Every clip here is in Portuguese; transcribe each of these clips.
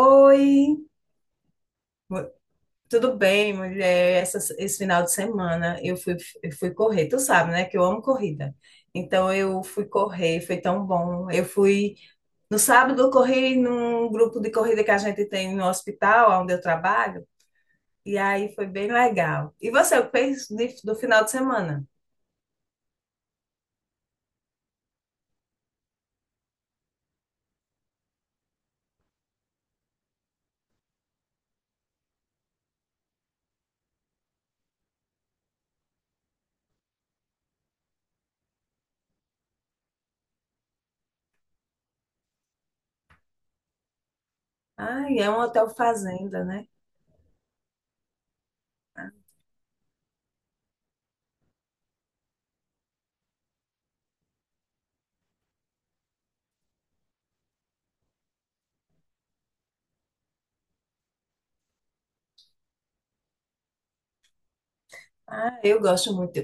Oi, mu- tudo bem, mulher? Esse final de semana eu fui correr, tu sabe, né, que eu amo corrida. Então eu fui correr, foi tão bom. Eu fui, no sábado eu corri num grupo de corrida que a gente tem no hospital, onde eu trabalho, e aí foi bem legal. E você, o que fez do final de semana? Ai, é um hotel fazenda, né? Ah, eu gosto muito.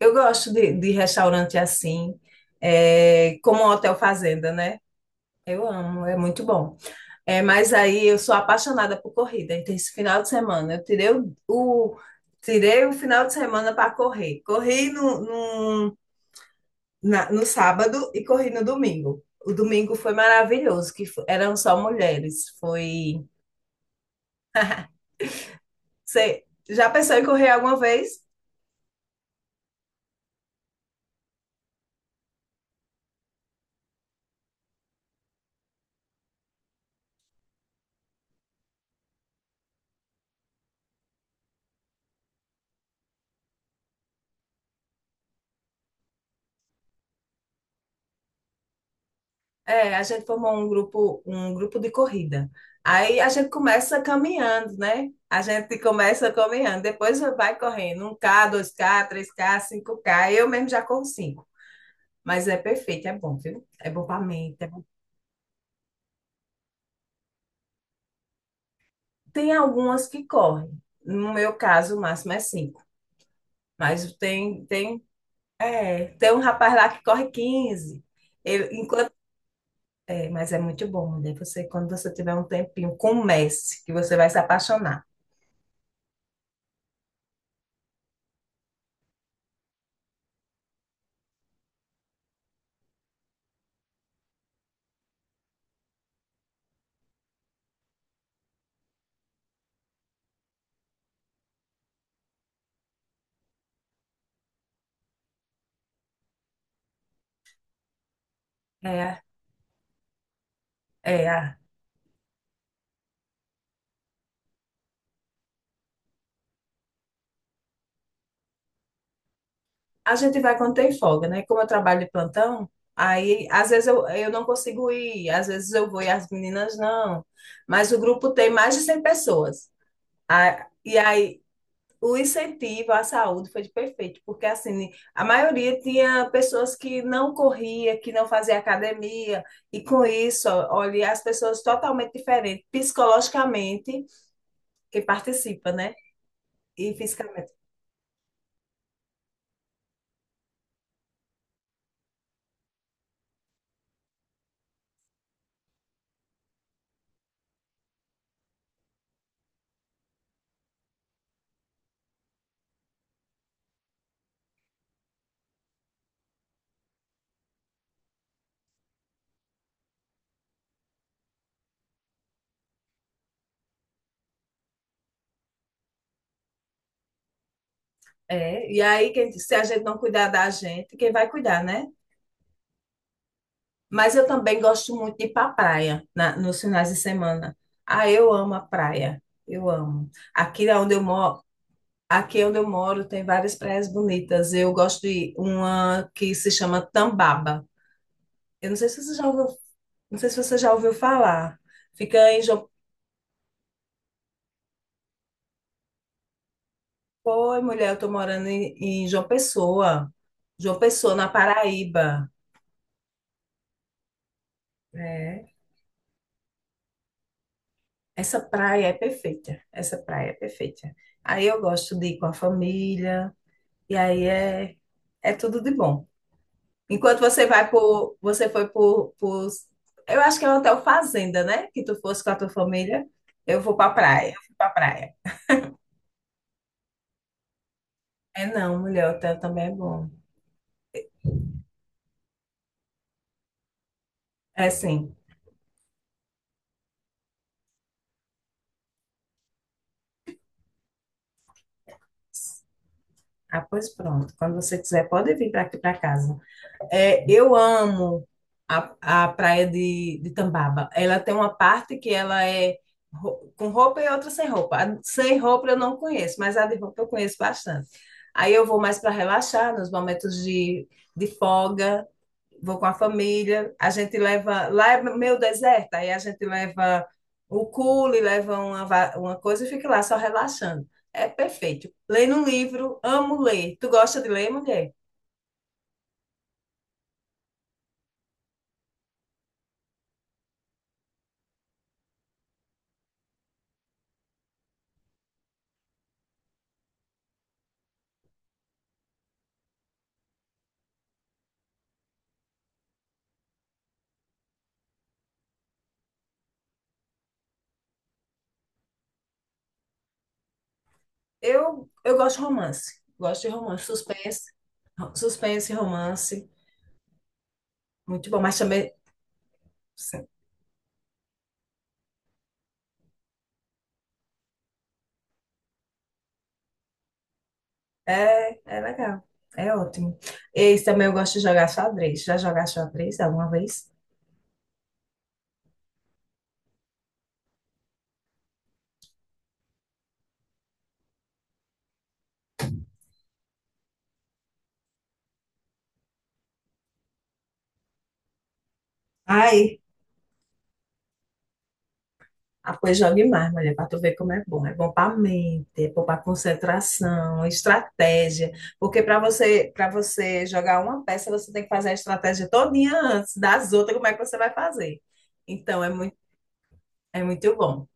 Eu gosto de restaurante assim, é, como um hotel fazenda, né? Eu amo, é muito bom. É, mas aí eu sou apaixonada por corrida. Então, esse final de semana, eu tirei tirei o final de semana para correr. Corri no, no sábado e corri no domingo. O domingo foi maravilhoso, que eram só mulheres. Foi. Você já pensou em correr alguma vez? É, a gente formou um grupo de corrida. Aí a gente começa caminhando, né? A gente começa caminhando, depois vai correndo um k, dois k, três k, 5 k. Eu mesmo já corro cinco, mas é perfeito, é bom, viu? É bom para mente. É bom. Tem algumas que correm. No meu caso, o máximo é 5. Mas tem é, tem um rapaz lá que corre 15. Ele, enquanto é, mas é muito bom, mulher. Você, quando você tiver um tempinho, comece, que você vai se apaixonar. É, é. A gente vai quando tem folga, né? Como eu trabalho de plantão, aí às vezes eu não consigo ir, às vezes eu vou e as meninas não. Mas o grupo tem mais de 100 pessoas. E aí o incentivo à saúde foi perfeito, porque assim, a maioria tinha pessoas que não corria, que não fazia academia, e com isso, olha, as pessoas totalmente diferentes, psicologicamente, que participa, né? E fisicamente. É, e aí, quem, se a gente não cuidar da gente, quem vai cuidar, né? Mas eu também gosto muito de ir para a praia nos finais de semana. Ah, eu amo a praia. Eu amo. Aqui é onde eu moro, aqui é onde eu moro tem várias praias bonitas. Eu gosto de uma que se chama Tambaba. Eu não sei se você já ouviu, não sei se você já ouviu falar. Fica em João, pô, mulher, eu tô morando em, em João Pessoa. João Pessoa, na Paraíba. É. Essa praia é perfeita. Essa praia é perfeita. Aí eu gosto de ir com a família. E aí é, é tudo de bom. Enquanto você vai por, você foi por, eu acho que é um hotel fazenda, né? Que tu fosse com a tua família, eu vou pra praia, eu fui pra praia. É não, mulher, hotel também é bom. É sim. Ah, pois pronto. Quando você quiser, pode vir para aqui para casa. É, eu amo a, a praia de Tambaba. Ela tem uma parte que ela é com roupa e outra sem roupa. A sem roupa eu não conheço, mas a de roupa eu conheço bastante. Aí eu vou mais para relaxar nos momentos de folga, vou com a família. A gente leva. Lá é meio deserto, aí a gente leva o cule, leva uma, uma coisa e fica lá só relaxando. É perfeito. Lendo um livro, amo ler. Tu gosta de ler, mulher? Eu gosto de romance. Gosto de romance. Suspense, romance. Muito bom, mas também sim, é, é legal. É ótimo. E também eu gosto de jogar xadrez. Já jogaste xadrez alguma vez? Ai, ah, pois jogue mais, mulher, para tu ver como é bom. É bom para mente, é bom para concentração, estratégia. Porque para você jogar uma peça, você tem que fazer a estratégia todinha antes das outras, como é que você vai fazer. Então, é muito bom.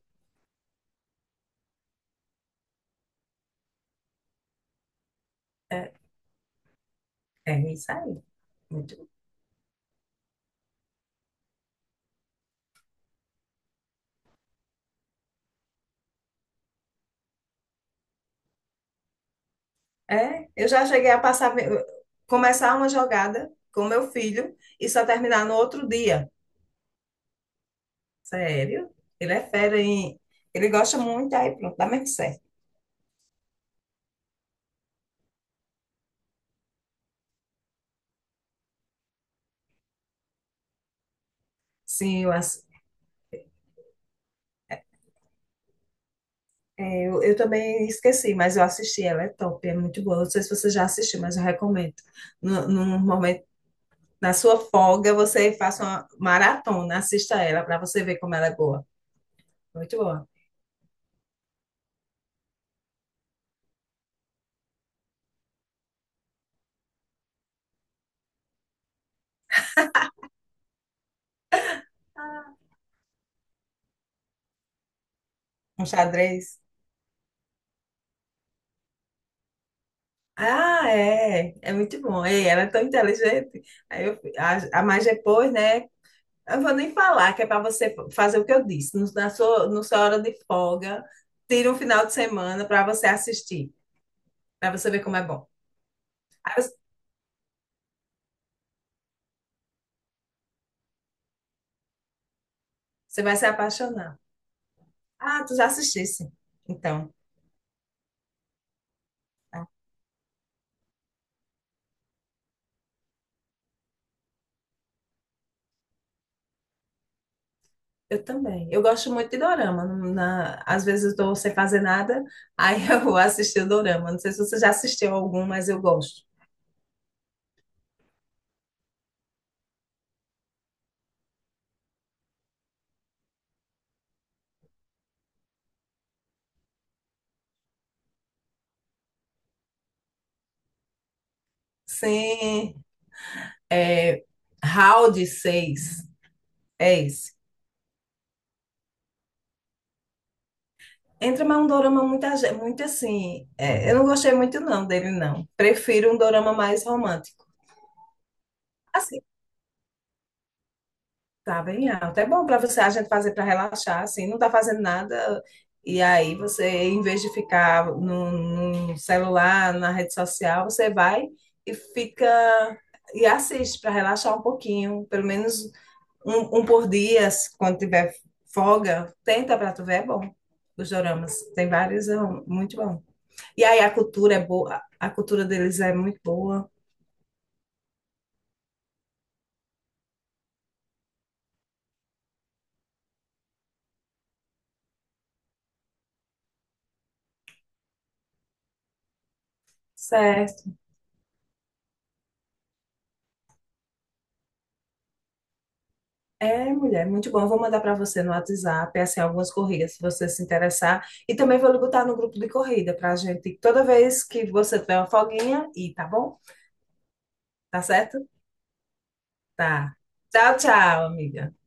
É, é isso aí. Muito é, eu já cheguei a passar, começar uma jogada com meu filho e só terminar no outro dia. Sério? Ele é fera em, ele gosta muito, aí pronto, dá mesmo certo. Sim, eu, é, eu também esqueci, mas eu assisti, ela é top, é muito boa. Não sei se você já assistiu, mas eu recomendo. No, num momento, na sua folga, você faça uma maratona, assista ela para você ver como ela é boa. Muito boa. Um xadrez. Ah, é, é muito bom. Ei, ela é tão inteligente. Aí eu, a mais depois, né? Eu vou nem falar, que é para você fazer o que eu disse. No sua hora de folga, tira um final de semana para você assistir, para você ver como é bom. Aí você vai se apaixonar. Ah, tu já assistisse. Então, eu também. Eu gosto muito de dorama. Às vezes eu estou sem fazer nada, aí eu vou assistir o dorama. Não sei se você já assistiu algum, mas eu gosto. Sim. É, Round 6, é esse. Entra mais um dorama muito, muito assim. É, eu não gostei muito não dele, não. Prefiro um dorama mais romântico. Assim, tá bem alto. É bom para você, a gente fazer para relaxar, assim, não tá fazendo nada. E aí você, em vez de ficar no celular, na rede social, você vai e fica e assiste para relaxar um pouquinho. Pelo menos um, um por dia, quando tiver folga, tenta pra tu ver, é bom. Os doramas. Tem vários, é muito bom. E aí a cultura é boa, a cultura deles é muito boa. Certo. É, mulher, muito bom. Eu vou mandar pra você no WhatsApp, assim, algumas corridas, se você se interessar. E também vou lhe botar no grupo de corrida pra gente, toda vez que você tiver uma folguinha, e tá bom? Tá certo? Tá. Tchau, tchau, amiga.